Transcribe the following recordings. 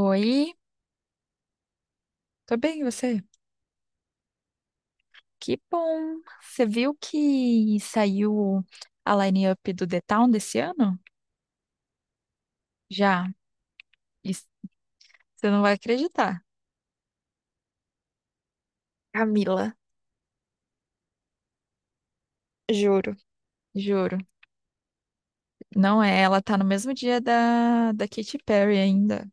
Oi, tô bem, e você? Que bom! Você viu que saiu a line-up do The Town desse ano? Já. Isso, você não vai acreditar, Camila, juro. Juro. Não é, ela tá no mesmo dia da Katy Perry ainda.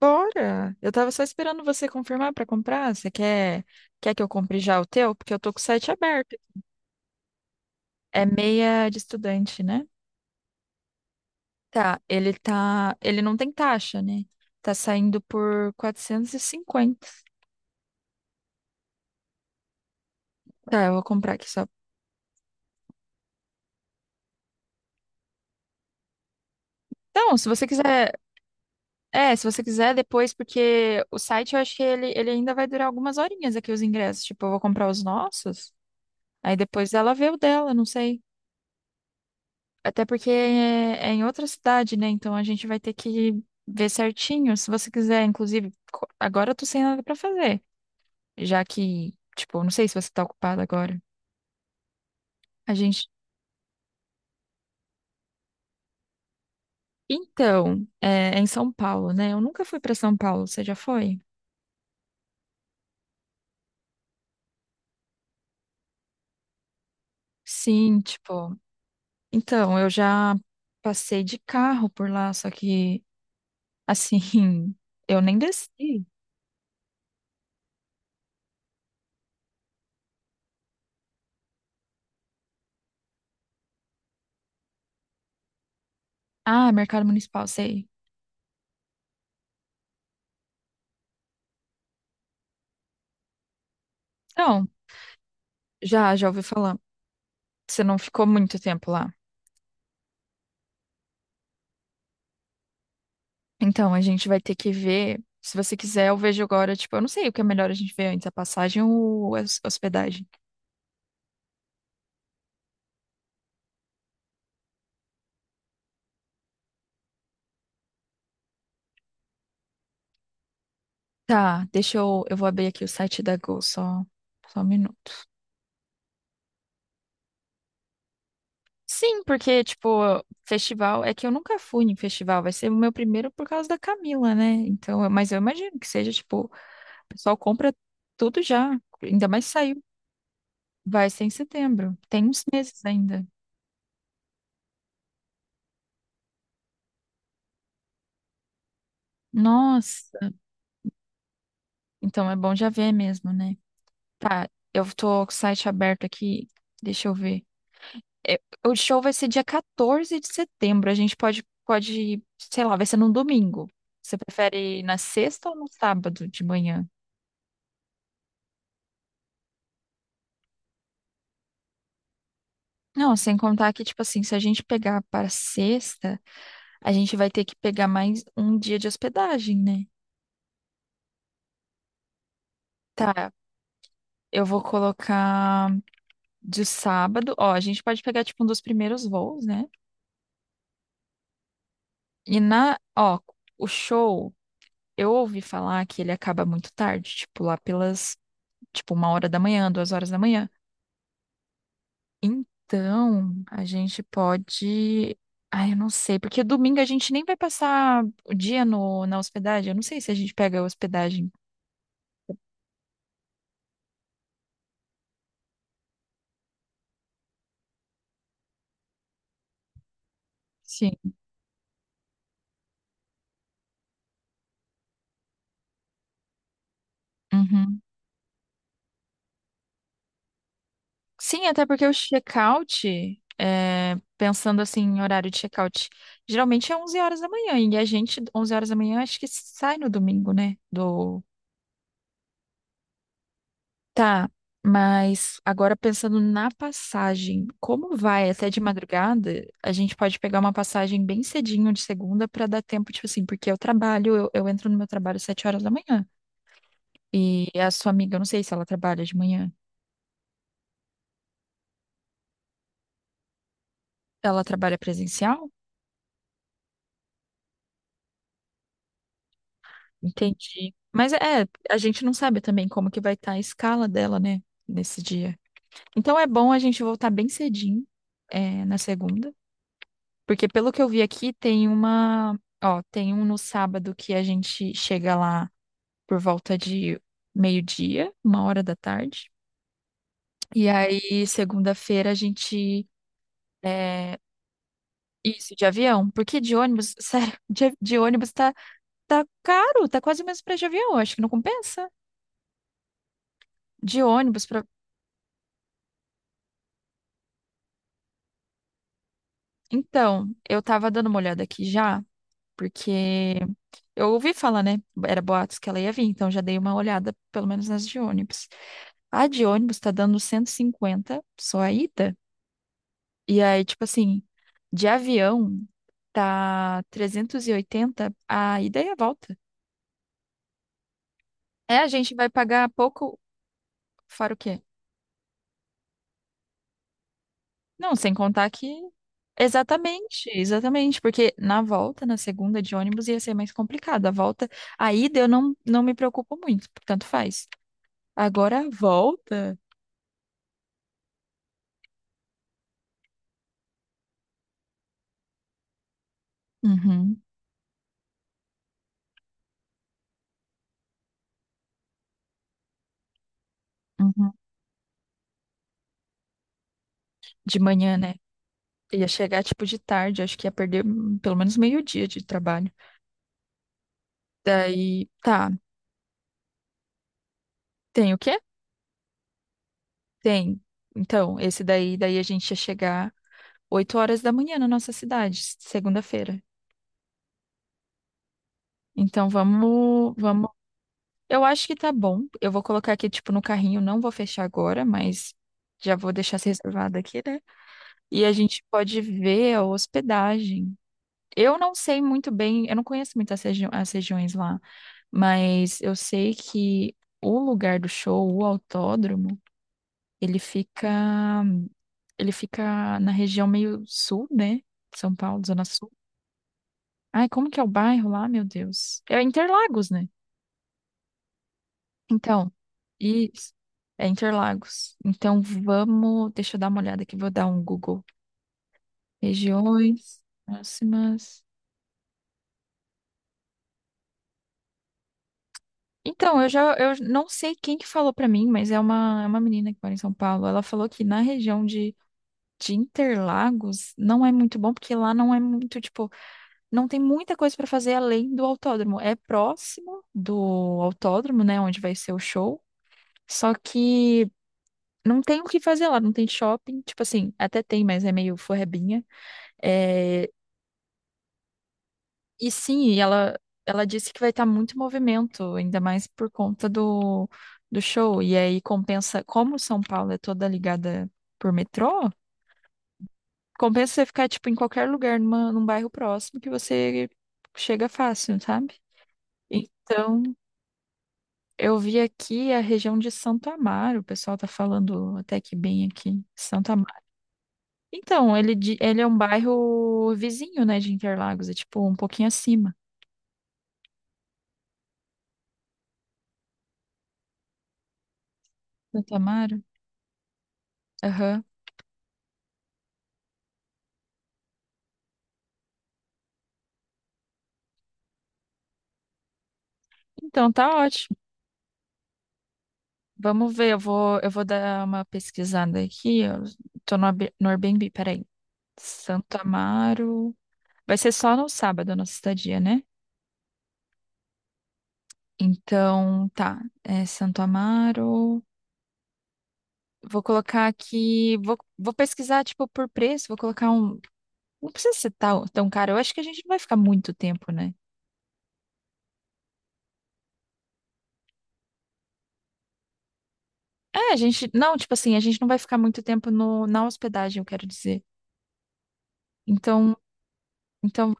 Bora! Eu tava só esperando você confirmar pra comprar. Você quer que eu compre já o teu? Porque eu tô com o site aberto. É meia de estudante, né? Tá, ele não tem taxa, né? Tá saindo por 450. Tá, eu vou comprar aqui só. Então, se você quiser depois, porque o site eu acho que ele ainda vai durar algumas horinhas aqui os ingressos. Tipo, eu vou comprar os nossos, aí depois ela vê o dela, não sei. Até porque é em outra cidade, né? Então a gente vai ter que ver certinho. Se você quiser, inclusive, agora eu tô sem nada pra fazer, já que, tipo, não sei se você tá ocupado agora. A gente. Então, em São Paulo, né? Eu nunca fui para São Paulo, você já foi? Sim, tipo, então, eu já passei de carro por lá, só que, assim, eu nem desci. Ah, Mercado Municipal, sei. Então, já ouvi falar. Você não ficou muito tempo lá. Então, a gente vai ter que ver. Se você quiser, eu vejo agora, tipo, eu não sei o que é melhor a gente ver antes, a passagem ou a hospedagem. Tá, eu vou abrir aqui o site da Gol, só um minuto. Sim, porque, tipo, festival. É que eu nunca fui em festival, vai ser o meu primeiro por causa da Camila, né? Então, mas eu imagino que seja, tipo, o pessoal compra tudo já, ainda mais saiu. Vai ser em setembro, tem uns meses ainda. Nossa, então é bom já ver mesmo, né? Tá, eu tô com o site aberto aqui, deixa eu ver. É, o show vai ser dia 14 de setembro, a gente sei lá, vai ser num domingo. Você prefere na sexta ou no sábado de manhã? Não, sem contar que, tipo assim, se a gente pegar para sexta, a gente vai ter que pegar mais um dia de hospedagem, né? Tá, eu vou colocar de sábado. Ó, a gente pode pegar, tipo, um dos primeiros voos, né? E ó, o show, eu ouvi falar que ele acaba muito tarde, tipo, lá pelas, tipo, 1 hora da manhã, 2 horas da manhã. Então, a gente pode. Ai, eu não sei, porque domingo a gente nem vai passar o dia na hospedagem. Eu não sei se a gente pega a hospedagem. Sim. Uhum. Sim, até porque o check-out, pensando assim em horário de check-out, geralmente é 11 horas da manhã, e a gente, 11 horas da manhã, acho que sai no domingo, né? Do... Tá, mas agora pensando na passagem, como vai até de madrugada, a gente pode pegar uma passagem bem cedinho de segunda para dar tempo, tipo assim, porque eu trabalho, eu entro no meu trabalho às 7 horas da manhã, e a sua amiga, eu não sei se ela trabalha de manhã, ela trabalha presencial? Entendi. Mas é, a gente não sabe também como que vai estar a escala dela, né, nesse dia. Então é bom a gente voltar bem cedinho, na segunda, porque pelo que eu vi aqui tem uma, ó, tem um no sábado que a gente chega lá por volta de meio-dia, 1 hora da tarde. E aí segunda-feira a gente. É, isso, de avião, porque de ônibus, sério, de ônibus tá caro, tá quase o mesmo preço de avião, acho que não compensa. De ônibus. Então, eu tava dando uma olhada aqui já, porque eu ouvi falar, né? Era boatos que ela ia vir, então já dei uma olhada, pelo menos nas de ônibus. A de ônibus tá dando 150 só a ida. E aí, tipo assim, de avião tá 380 a ida e a volta. É, a gente vai pagar pouco, fora o quê? Não, sem contar que. Exatamente, exatamente. Porque na volta, na segunda de ônibus, ia ser mais complicado. A volta, a ida eu não me preocupo muito, tanto faz. Agora a volta. Uhum, uhum. De manhã, né? Ia chegar tipo de tarde, acho que ia perder pelo menos meio-dia de trabalho. Daí, tá. Tem o quê? Tem. Então, esse daí a gente ia chegar 8 horas da manhã na nossa cidade, segunda-feira. Então, vamos, vamos. Eu acho que tá bom. Eu vou colocar aqui, tipo, no carrinho. Não vou fechar agora, mas já vou deixar se reservado aqui, né? E a gente pode ver a hospedagem. Eu não sei muito bem, eu não conheço muito as, as regiões lá, mas eu sei que o lugar do show, o autódromo, ele fica, ele fica na região meio sul, né? São Paulo, Zona Sul. Ai, como que é o bairro lá, meu Deus? É Interlagos, né? Então, isso. É Interlagos. Então, vamos. Deixa eu dar uma olhada aqui, vou dar um Google. Regiões próximas. Então, eu já. Eu não sei quem que falou pra mim, mas é uma menina que mora em São Paulo. Ela falou que na região de Interlagos não é muito bom, porque lá não é muito, tipo. Não tem muita coisa pra fazer além do autódromo. É próximo do autódromo, né, onde vai ser o show. Só que. Não tem o que fazer lá, não tem shopping. Tipo assim, até tem, mas é meio forrebinha. É, e sim, ela disse que vai estar muito movimento, ainda mais por conta do show. E aí compensa, como São Paulo é toda ligada por metrô, compensa você ficar tipo em qualquer lugar, num bairro próximo que você chega fácil, sabe? Então, eu vi aqui a região de Santo Amaro, o pessoal tá falando até que bem aqui, Santo Amaro. Então, ele, ele é um bairro vizinho, né, de Interlagos, é tipo um pouquinho acima. Santo Amaro? Aham. Então tá ótimo. Vamos ver, eu vou dar uma pesquisada aqui. Eu tô no Airbnb, peraí. Santo Amaro. Vai ser só no sábado a nossa estadia, né? Então, tá. É Santo Amaro. Vou colocar aqui. Vou pesquisar, tipo, por preço. Vou colocar um. Não precisa ser tão, tão caro. Eu acho que a gente não vai ficar muito tempo, né? É, a gente. Não, tipo assim, a gente não vai ficar muito tempo no, na hospedagem, eu quero dizer. Então, então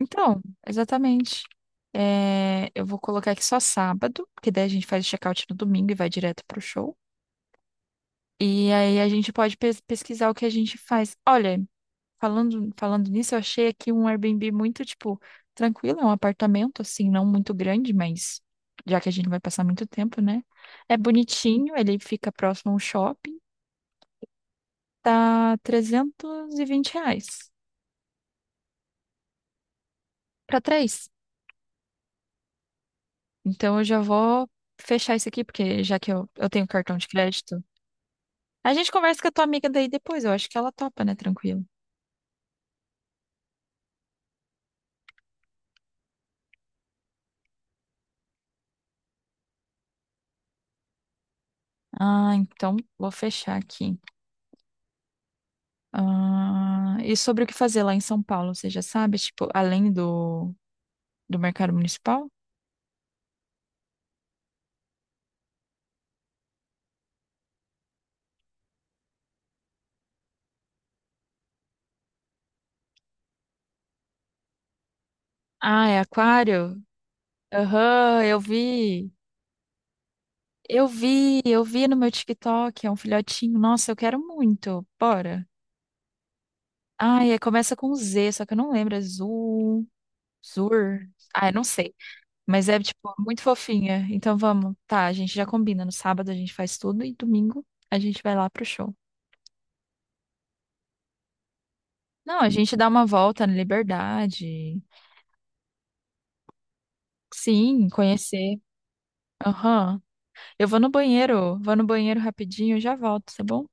Então, exatamente. É, eu vou colocar aqui só sábado, porque daí a gente faz o check-out no domingo e vai direto pro show. E aí a gente pode pesquisar o que a gente faz. Olha, falando nisso, eu achei aqui um Airbnb muito, tipo, tranquilo, é um apartamento, assim, não muito grande, mas já que a gente vai passar muito tempo, né? É bonitinho, ele fica próximo a um shopping, tá R$ 320 pra três. Então eu já vou fechar isso aqui, porque já que eu tenho cartão de crédito. A gente conversa com a tua amiga daí depois, eu acho que ela topa, né? Tranquilo. Ah, então vou fechar aqui. Ah, e sobre o que fazer lá em São Paulo, você já sabe? Tipo, além do mercado municipal? Ah, é aquário? Aham, eu vi. Eu vi no meu TikTok, é um filhotinho. Nossa, eu quero muito. Bora. Ai, começa com Z, só que eu não lembro. É Zul, Zur. Ah, eu não sei. Mas é, tipo, muito fofinha. Então vamos. Tá, a gente já combina. No sábado a gente faz tudo e domingo a gente vai lá pro show. Não, a gente dá uma volta na Liberdade. Sim, conhecer. Aham. Eu vou no banheiro. Vou no banheiro rapidinho e já volto, tá bom?